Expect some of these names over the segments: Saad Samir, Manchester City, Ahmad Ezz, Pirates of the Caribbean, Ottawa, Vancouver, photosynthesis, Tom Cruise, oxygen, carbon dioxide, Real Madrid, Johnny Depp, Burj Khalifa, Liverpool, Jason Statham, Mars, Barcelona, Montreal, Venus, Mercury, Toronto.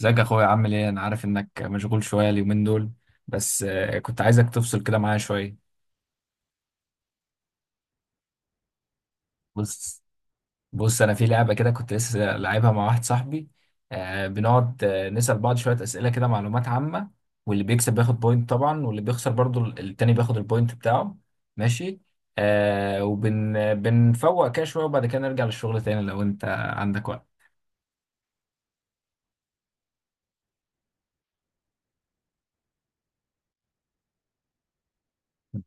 ازيك يا اخويا؟ عامل ايه؟ انا عارف انك مشغول شويه اليومين دول، بس كنت عايزك تفصل كده معايا شويه. بص بص انا في لعبه كده، كنت لسه لعبها مع واحد صاحبي. بنقعد نسال بعض شويه اسئله كده، معلومات عامه. واللي بيكسب بياخد بوينت، طبعا واللي بيخسر برضو التاني بياخد البوينت بتاعه. ماشي. بنفوق كده شويه، وبعد كده نرجع للشغل تاني لو انت عندك وقت.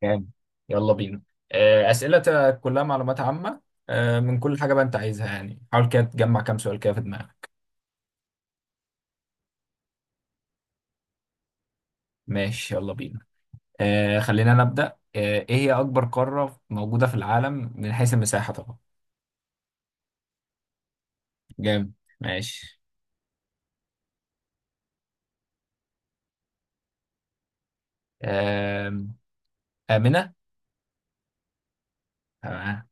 تمام، يلا بينا. أسئلة كلها معلومات عامة، من كل حاجة بقى أنت عايزها، يعني حاول كده تجمع كام سؤال كده في دماغك. ماشي، يلا بينا. خلينا نبدأ. إيه هي أكبر قارة موجودة في العالم من حيث المساحة طبعا؟ جامد. ماشي. آم، آمنة. تمام.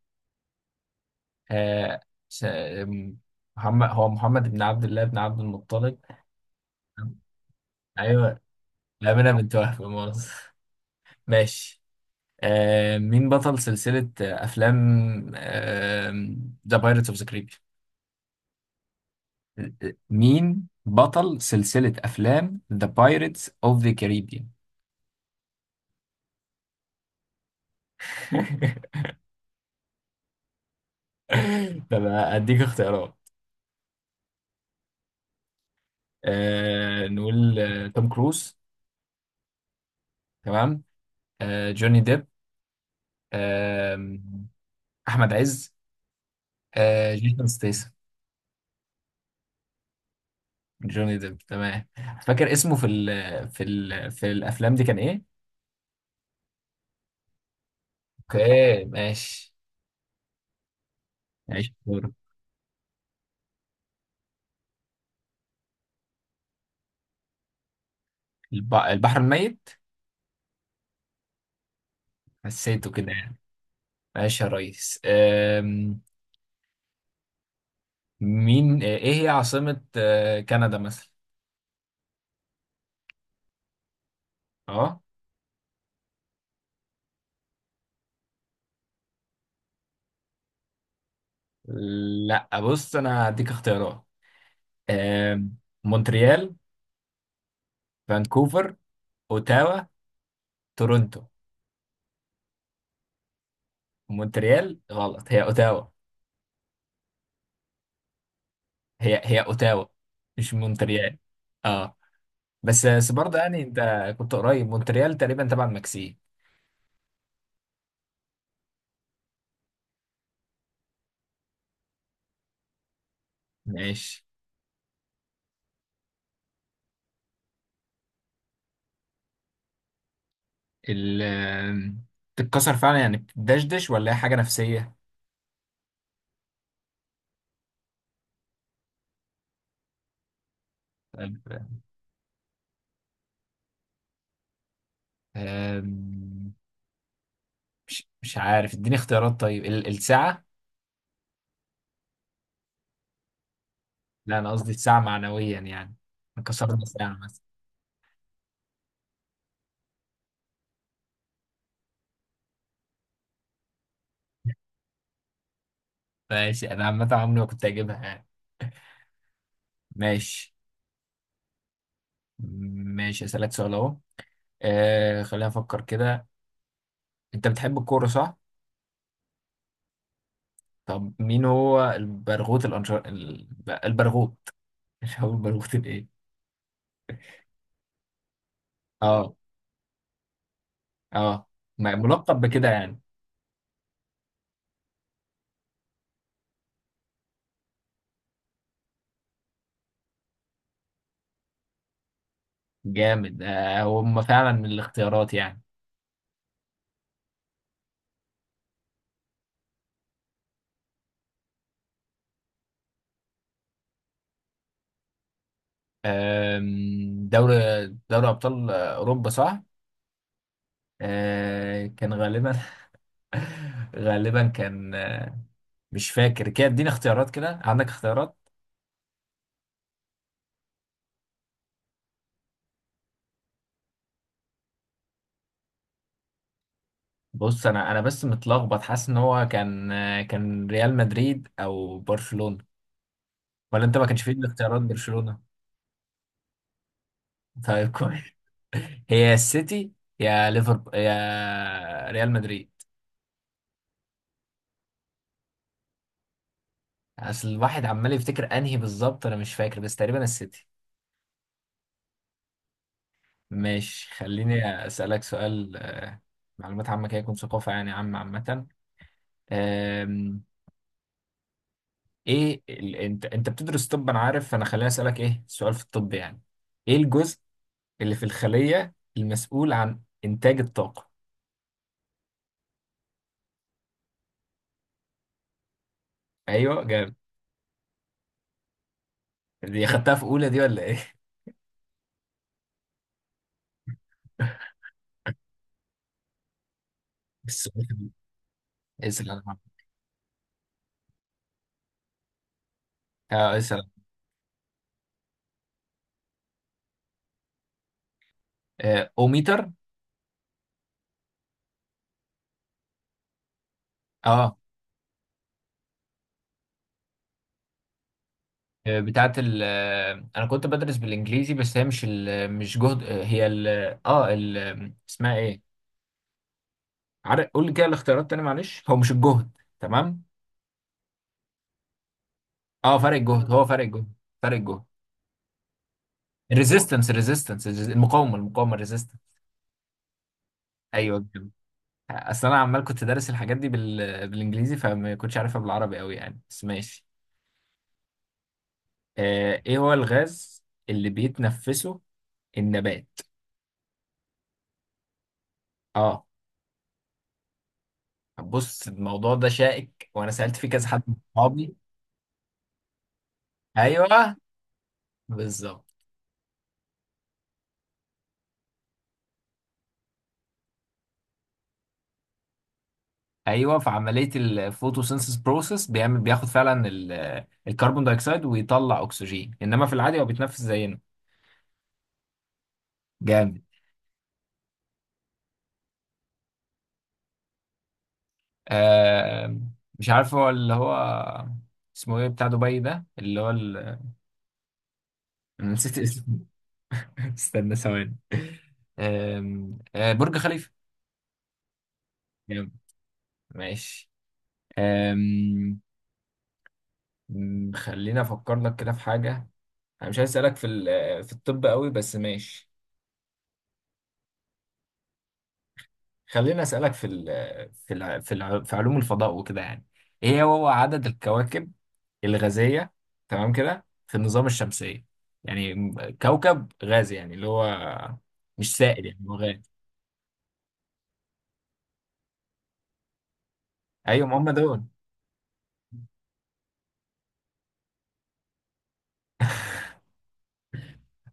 آه، س- آم، محمد هو محمد بن عبد الله بن عبد المطلب. أيوه، آمنة بنت وهب، مؤاخذة. ماشي. آه، مين بطل سلسلة أفلام ذا بايرتس أوف ذا كاريبيان؟ مين بطل سلسلة أفلام ذا بايرتس أوف ذا كاريبيان؟ طب أديك اختيارات. آه، نقول توم كروز. تمام. آه، جوني ديب. آه، أحمد عز. آه، جيسون ستيسن. جوني ديب، تمام. فاكر اسمه في ال في ال في الأفلام دي كان إيه؟ أوكي، ماشي. ماشي. البحر الميت. حسيته كده يعني. ماشي يا ريس. مين؟ ايه هي عاصمة كندا مثلا؟ اه. لا بص، انا هديك اختيارات. أم... مونتريال، فانكوفر، اوتاوا، تورونتو. مونتريال غلط، هي اوتاوا. هي هي اوتاوا، مش مونتريال. اه. بس برضه يعني انت كنت قريب، مونتريال تقريبا تبع المكسيك. ماشي. ال تتكسر فعلا، يعني بتدشدش، ولا هي حاجة نفسية؟ طيب، أم، مش عارف، اديني اختيارات. طيب الساعة. لا انا قصدي الساعة معنويا يعني. إحنا كسرنا ساعة مثلا. ماشي، انا عامة عمري ما كنت اجيبها يعني. ماشي. ماشي، اسألك سؤال اهو. آه، خلينا افكر كده. انت بتحب الكورة صح؟ طب مين هو البرغوث؟ مش هو البرغوث الايه؟ اه. اه. ملقب بكده يعني. جامد. آه، هم فعلا من الاختيارات يعني. آم، دوري دوري ابطال اوروبا صح؟ كان غالبا. غالبا كان مش فاكر كده، اديني اختيارات كده، عندك اختيارات. بص، انا بس متلخبط، حاسس ان هو كان كان ريال مدريد او برشلونة. ولا انت ما كانش فيه الاختيارات برشلونة؟ طيب كويس. هي يا السيتي يا ليفربول يا ريال مدريد. اصل الواحد عمال يفتكر انهي بالظبط، انا مش فاكر، بس تقريبا السيتي. ماشي، خليني أسألك سؤال معلومات عامة كده، يكون ثقافة يعني، عامة. آم، أنت بتدرس طب أنا عارف، فأنا خليني أسألك إيه سؤال في الطب يعني. إيه الجزء اللي في الخلية المسؤول عن إنتاج الطاقة؟ أيوه جامد. دي خدتها في أولى دي ولا إيه؟ السؤال ده. اسأل، أنا معاك. أه اسأل. أوميتر. أه. بتاعة ال أنا كنت بدرس بالإنجليزي، بس هي مش جهد، هي ال أه اسمها إيه؟ عارف قول لي كده الاختيارات تاني، معلش، هو مش الجهد. تمام. اه، فرق الجهد، هو فرق الجهد، فرق الجهد. الريزيستنس، الريزيستنس، المقاومه، المقاومه، الريزيستنس. ايوه كده. اصل انا عمال كنت دارس الحاجات دي بالانجليزي، فما كنتش عارفها بالعربي قوي يعني، بس ماشي. آه، ايه هو الغاز اللي بيتنفسه النبات؟ اه. بص الموضوع ده شائك، وانا سألت فيه كذا حد من صحابي. ايوه، بالظبط. ايوه في عمليه الفوتوسينثيس بروسيس بيعمل، بياخد فعلا الكربون دايوكسيد ويطلع اكسجين، انما في العادي هو بيتنفس زينا. جامد. آه، مش عارف هو اللي هو اسمه ايه، بتاع دبي ده اللي هو أنا نسيت اسمه. استنى ثواني. آه برج خليفه. جامد. ماشي. آم، م، خليني افكر لك كده في حاجه. انا مش عايز اسالك في في الطب قوي، بس ماشي. خليني أسألك في ال في ال في, ال في علوم الفضاء وكده يعني. ايه هو عدد الكواكب الغازية تمام كده في النظام الشمسية؟ يعني كوكب غازي يعني اللي هو مش سائل، يعني هو غازي. ايوه ما هم دول.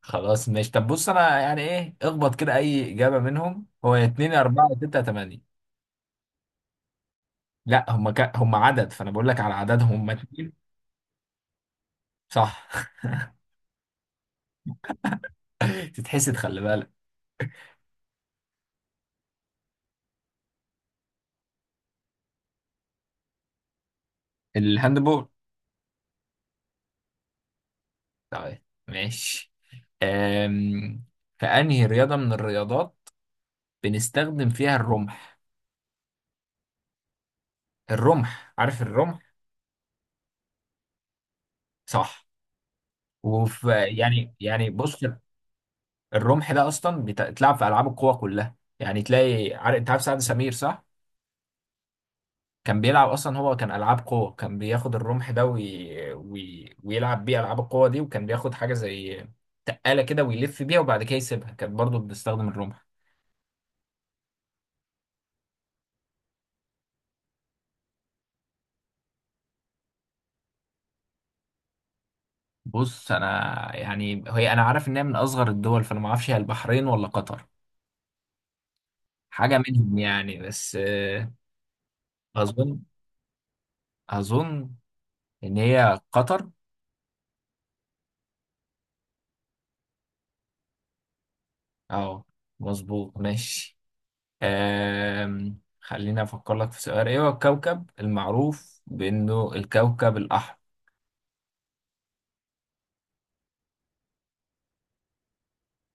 خلاص ماشي. طب بص، انا يعني ايه اخبط كده اي اجابة منهم. هو يا اتنين يا اربعة يا ستة يا تمانية. لا هم عدد، فانا بقول لك على عددهم، هم اتنين. صح. تتحسد، خلي بالك. الهاندبول. طيب. ماشي. أم... في أنهي رياضة من الرياضات بنستخدم فيها الرمح؟ الرمح، عارف الرمح. صح. وفي، يعني يعني بص، الرمح ده أصلا بيتلعب في ألعاب القوى كلها يعني، تلاقي عارف، أنت عارف سعد سمير صح؟ كان بيلعب أصلا، هو كان ألعاب قوة، كان بياخد الرمح ده ويلعب بيه ألعاب القوة دي، وكان بياخد حاجة زي تقالة كده ويلف بيها وبعد كده يسيبها، كانت برضه بتستخدم الرمح. بص انا، يعني هي انا عارف ان هي من اصغر الدول، فانا ما اعرفش هي البحرين ولا قطر، حاجه منهم يعني، بس اظن اظن ان هي قطر. اه مظبوط، ماشي. خليني افكر لك في سؤال. ايه هو الكوكب المعروف بانه الكوكب الاحمر؟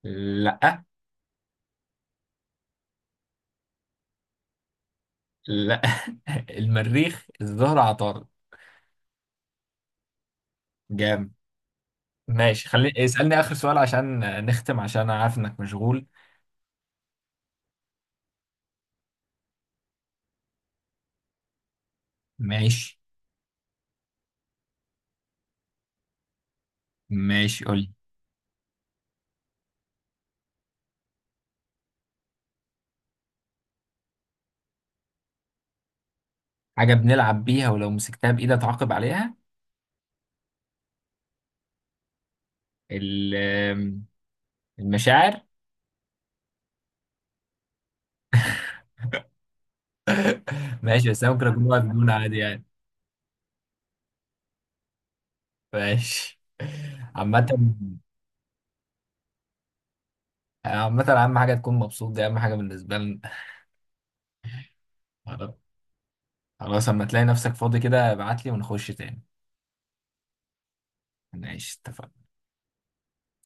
لا. لا. المريخ، الزهر، عطارد. جامد. ماشي، خليني اسالني اخر سؤال عشان نختم، عشان انا عارف انك مشغول. ماشي. ماشي، قول لي. حاجة بنلعب بيها، ولو مسكتها بإيدي أتعاقب عليها. ال- المشاعر. ماشي، بس أنا ممكن أكون واقف بدون عادي يعني. ماشي. عامة، أهم حاجة تكون مبسوط، دي أهم حاجة بالنسبة لنا. خلاص، أما تلاقي نفسك فاضي كده ابعت لي ونخش تاني. ماشي، اتفقنا.